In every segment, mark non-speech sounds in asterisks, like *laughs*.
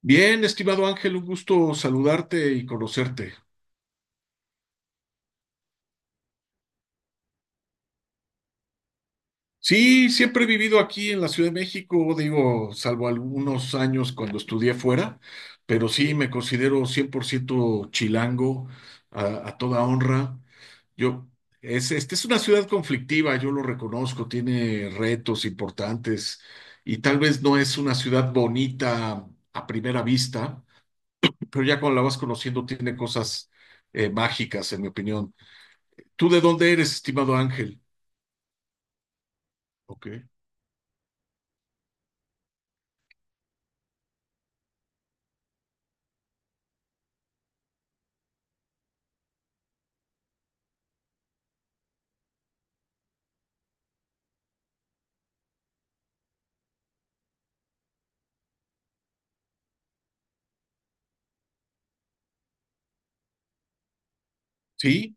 Bien, estimado Ángel, un gusto saludarte y conocerte. Sí, siempre he vivido aquí en la Ciudad de México, digo, salvo algunos años cuando estudié fuera, pero sí me considero 100% chilango a toda honra. Yo, este es una ciudad conflictiva, yo lo reconozco, tiene retos importantes y tal vez no es una ciudad bonita a primera vista, pero ya cuando la vas conociendo tiene cosas mágicas, en mi opinión. ¿Tú de dónde eres, estimado Ángel? Ok. Sí,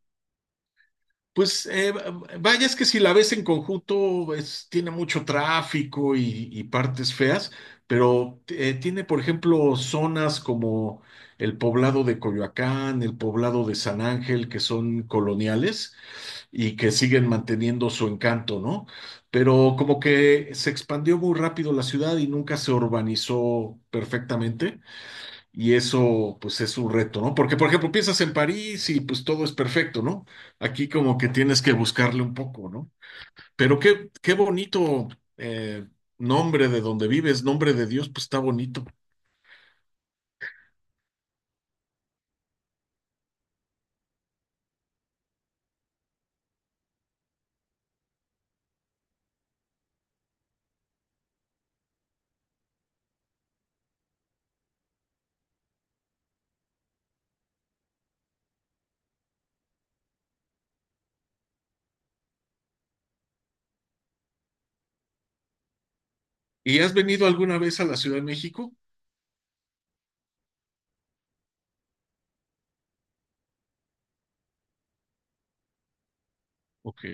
pues vaya, es que si la ves en conjunto, tiene mucho tráfico y partes feas, pero tiene, por ejemplo, zonas como el poblado de Coyoacán, el poblado de San Ángel, que son coloniales y que siguen manteniendo su encanto, ¿no? Pero como que se expandió muy rápido la ciudad y nunca se urbanizó perfectamente. Y eso, pues, es un reto, ¿no? Porque, por ejemplo, piensas en París y pues todo es perfecto, ¿no? Aquí como que tienes que buscarle un poco, ¿no? Pero qué bonito eh, nombre de donde vives, Nombre de Dios, pues está bonito. ¿Y has venido alguna vez a la Ciudad de México? Ok.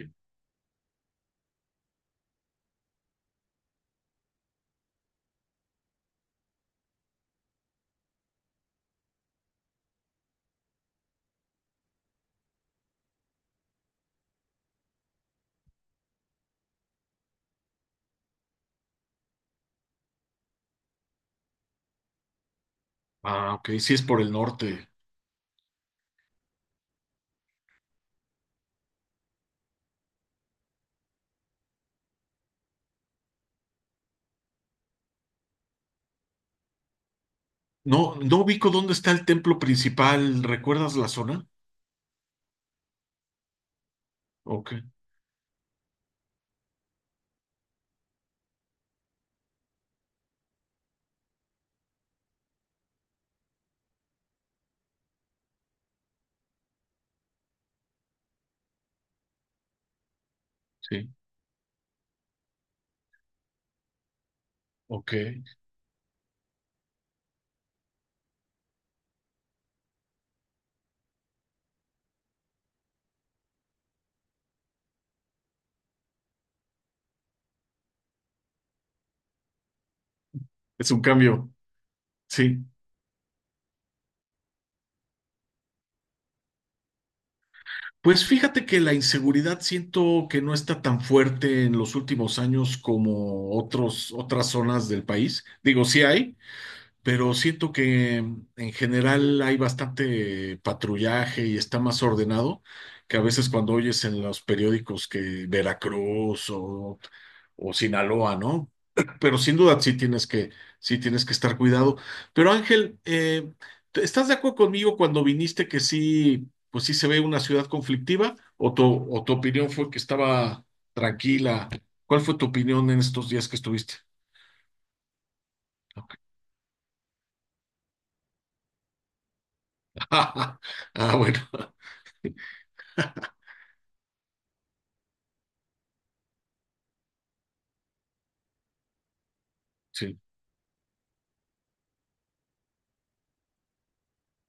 Ah, ok, sí es por el norte. No, no ubico dónde está el templo principal. ¿Recuerdas la zona? Ok, sí, ok. Es un cambio, sí. Pues fíjate que la inseguridad siento que no está tan fuerte en los últimos años como otras zonas del país. Digo, sí hay, pero siento que en general hay bastante patrullaje y está más ordenado que a veces cuando oyes en los periódicos que Veracruz o Sinaloa, ¿no? *clears throat* Pero sin duda sí tienes que estar cuidado. Pero Ángel, ¿estás de acuerdo conmigo cuando viniste que sí, pues sí se ve una ciudad conflictiva? ¿O tu opinión fue que estaba tranquila? ¿Cuál fue tu opinión en estos días que estuviste? Ok. *laughs* Ah, bueno, sí,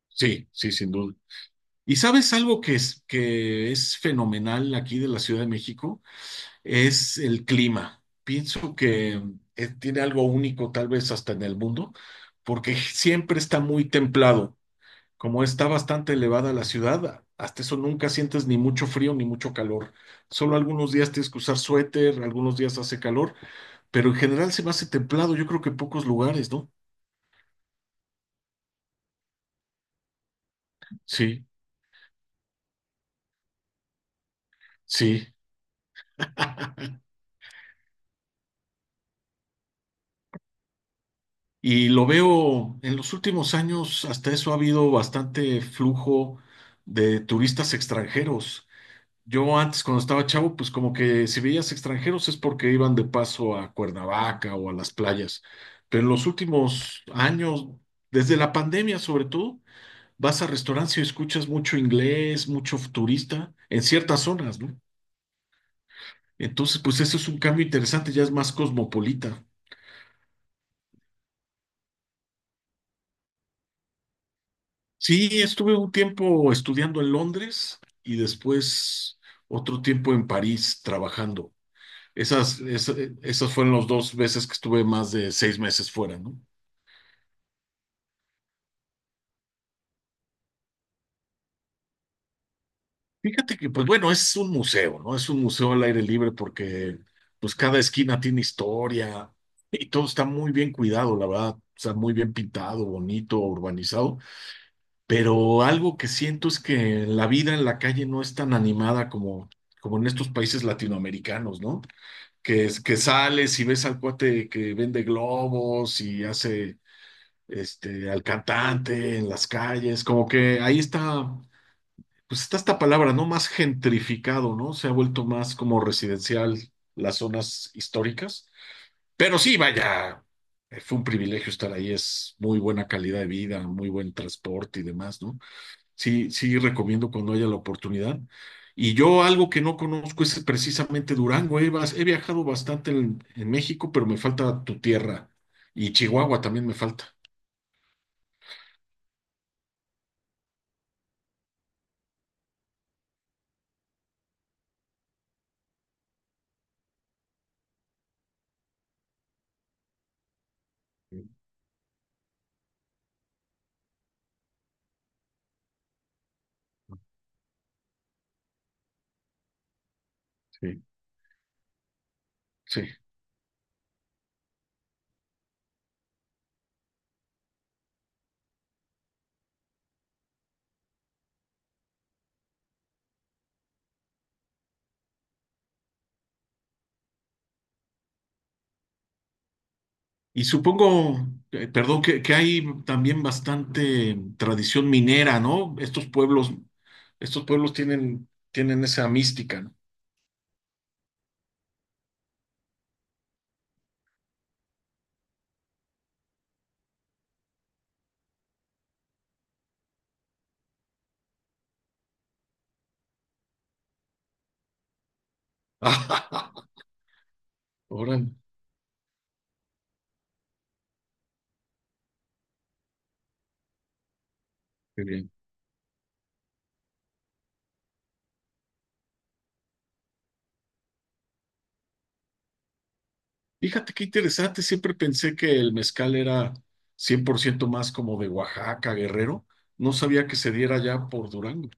sí, sí, sin duda. ¿Y sabes algo que es fenomenal aquí de la Ciudad de México? Es el clima. Pienso que tiene algo único, tal vez hasta en el mundo, porque siempre está muy templado. Como está bastante elevada la ciudad, hasta eso nunca sientes ni mucho frío ni mucho calor. Solo algunos días tienes que usar suéter, algunos días hace calor, pero en general se me hace templado. Yo creo que en pocos lugares, ¿no? Sí, sí. *laughs* Y lo veo en los últimos años, hasta eso ha habido bastante flujo de turistas extranjeros. Yo antes, cuando estaba chavo, pues como que si veías extranjeros es porque iban de paso a Cuernavaca o a las playas. Pero en los últimos años, desde la pandemia sobre todo, vas a restaurantes y escuchas mucho inglés, mucho turista en ciertas zonas, ¿no? Entonces, pues eso es un cambio interesante, ya es más cosmopolita. Sí, estuve un tiempo estudiando en Londres y después otro tiempo en París trabajando. Esas, es- esas fueron las dos veces que estuve más de 6 meses fuera, ¿no? Fíjate que, pues bueno, es un museo, ¿no? Es un museo al aire libre porque, pues cada esquina tiene historia y todo está muy bien cuidado, la verdad. Está muy bien pintado, bonito, urbanizado. Pero algo que siento es que la vida en la calle no es tan animada como en estos países latinoamericanos, ¿no? Que sales y ves al cuate que vende globos y hace al cantante, en las calles, como que ahí está, pues está esta palabra, ¿no? Más gentrificado, ¿no? Se ha vuelto más como residencial las zonas históricas. Pero sí, vaya, fue un privilegio estar ahí, es muy buena calidad de vida, muy buen transporte y demás, ¿no? Sí, sí recomiendo cuando haya la oportunidad. Y yo algo que no conozco es precisamente Durango. He viajado bastante en México, pero me falta tu tierra. Y Chihuahua también me falta. Sí, sí. Y supongo, perdón, que hay también bastante tradición minera, ¿no? Estos pueblos tienen esa mística, ¿no? *laughs* Órale, qué bien. Fíjate qué interesante, siempre pensé que el mezcal era 100% más como de Oaxaca, Guerrero. No sabía que se diera ya por Durango.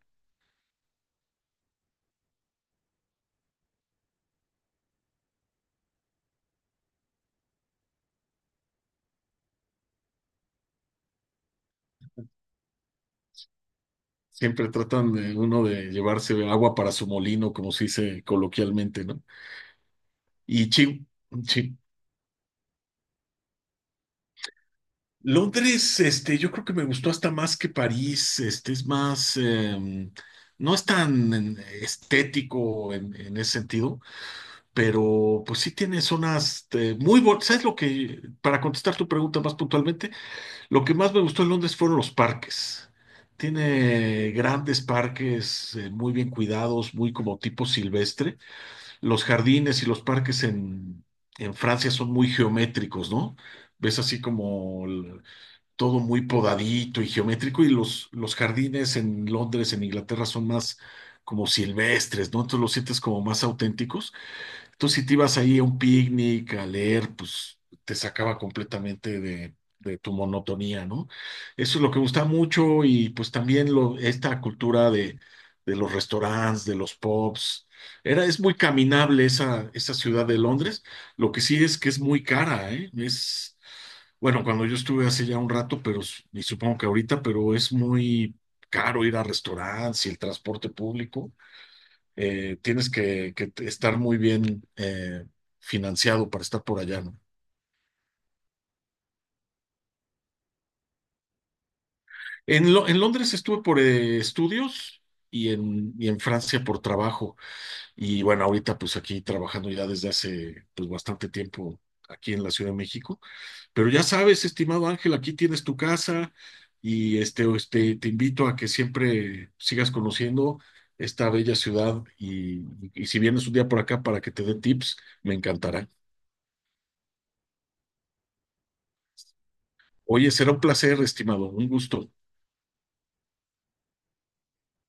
Siempre tratan de uno de llevarse agua para su molino, como se dice coloquialmente, ¿no? Y chi, Londres, yo creo que me gustó hasta más que París, es más, no es tan estético en ese sentido, pero pues sí tiene zonas muy, ¿sabes lo que, para contestar tu pregunta más puntualmente, lo que más me gustó en Londres fueron los parques. Tiene grandes parques muy bien cuidados, muy como tipo silvestre. Los jardines y los parques en Francia son muy geométricos, ¿no? Ves así como todo muy podadito y geométrico, y los jardines en Londres, en Inglaterra, son más como silvestres, ¿no? Entonces los sientes como más auténticos. Tú si te ibas ahí a un picnic, a leer, pues te sacaba completamente de tu monotonía, ¿no? Eso es lo que gusta mucho y pues también lo, esta cultura de los restaurantes, de los pubs. Era, es muy caminable esa ciudad de Londres. Lo que sí es que es muy cara, ¿eh? Es, bueno, cuando yo estuve hace ya un rato, pero y supongo que ahorita, pero es muy caro ir a restaurantes y el transporte público tienes que estar muy bien financiado para estar por allá, ¿no? En Londres estuve por estudios y en Francia por trabajo. Y bueno, ahorita pues aquí trabajando ya desde hace pues bastante tiempo aquí en la Ciudad de México. Pero ya sabes, estimado Ángel, aquí tienes tu casa y te invito a que siempre sigas conociendo esta bella ciudad y si vienes un día por acá para que te dé tips, me encantará. Oye, será un placer, estimado, un gusto.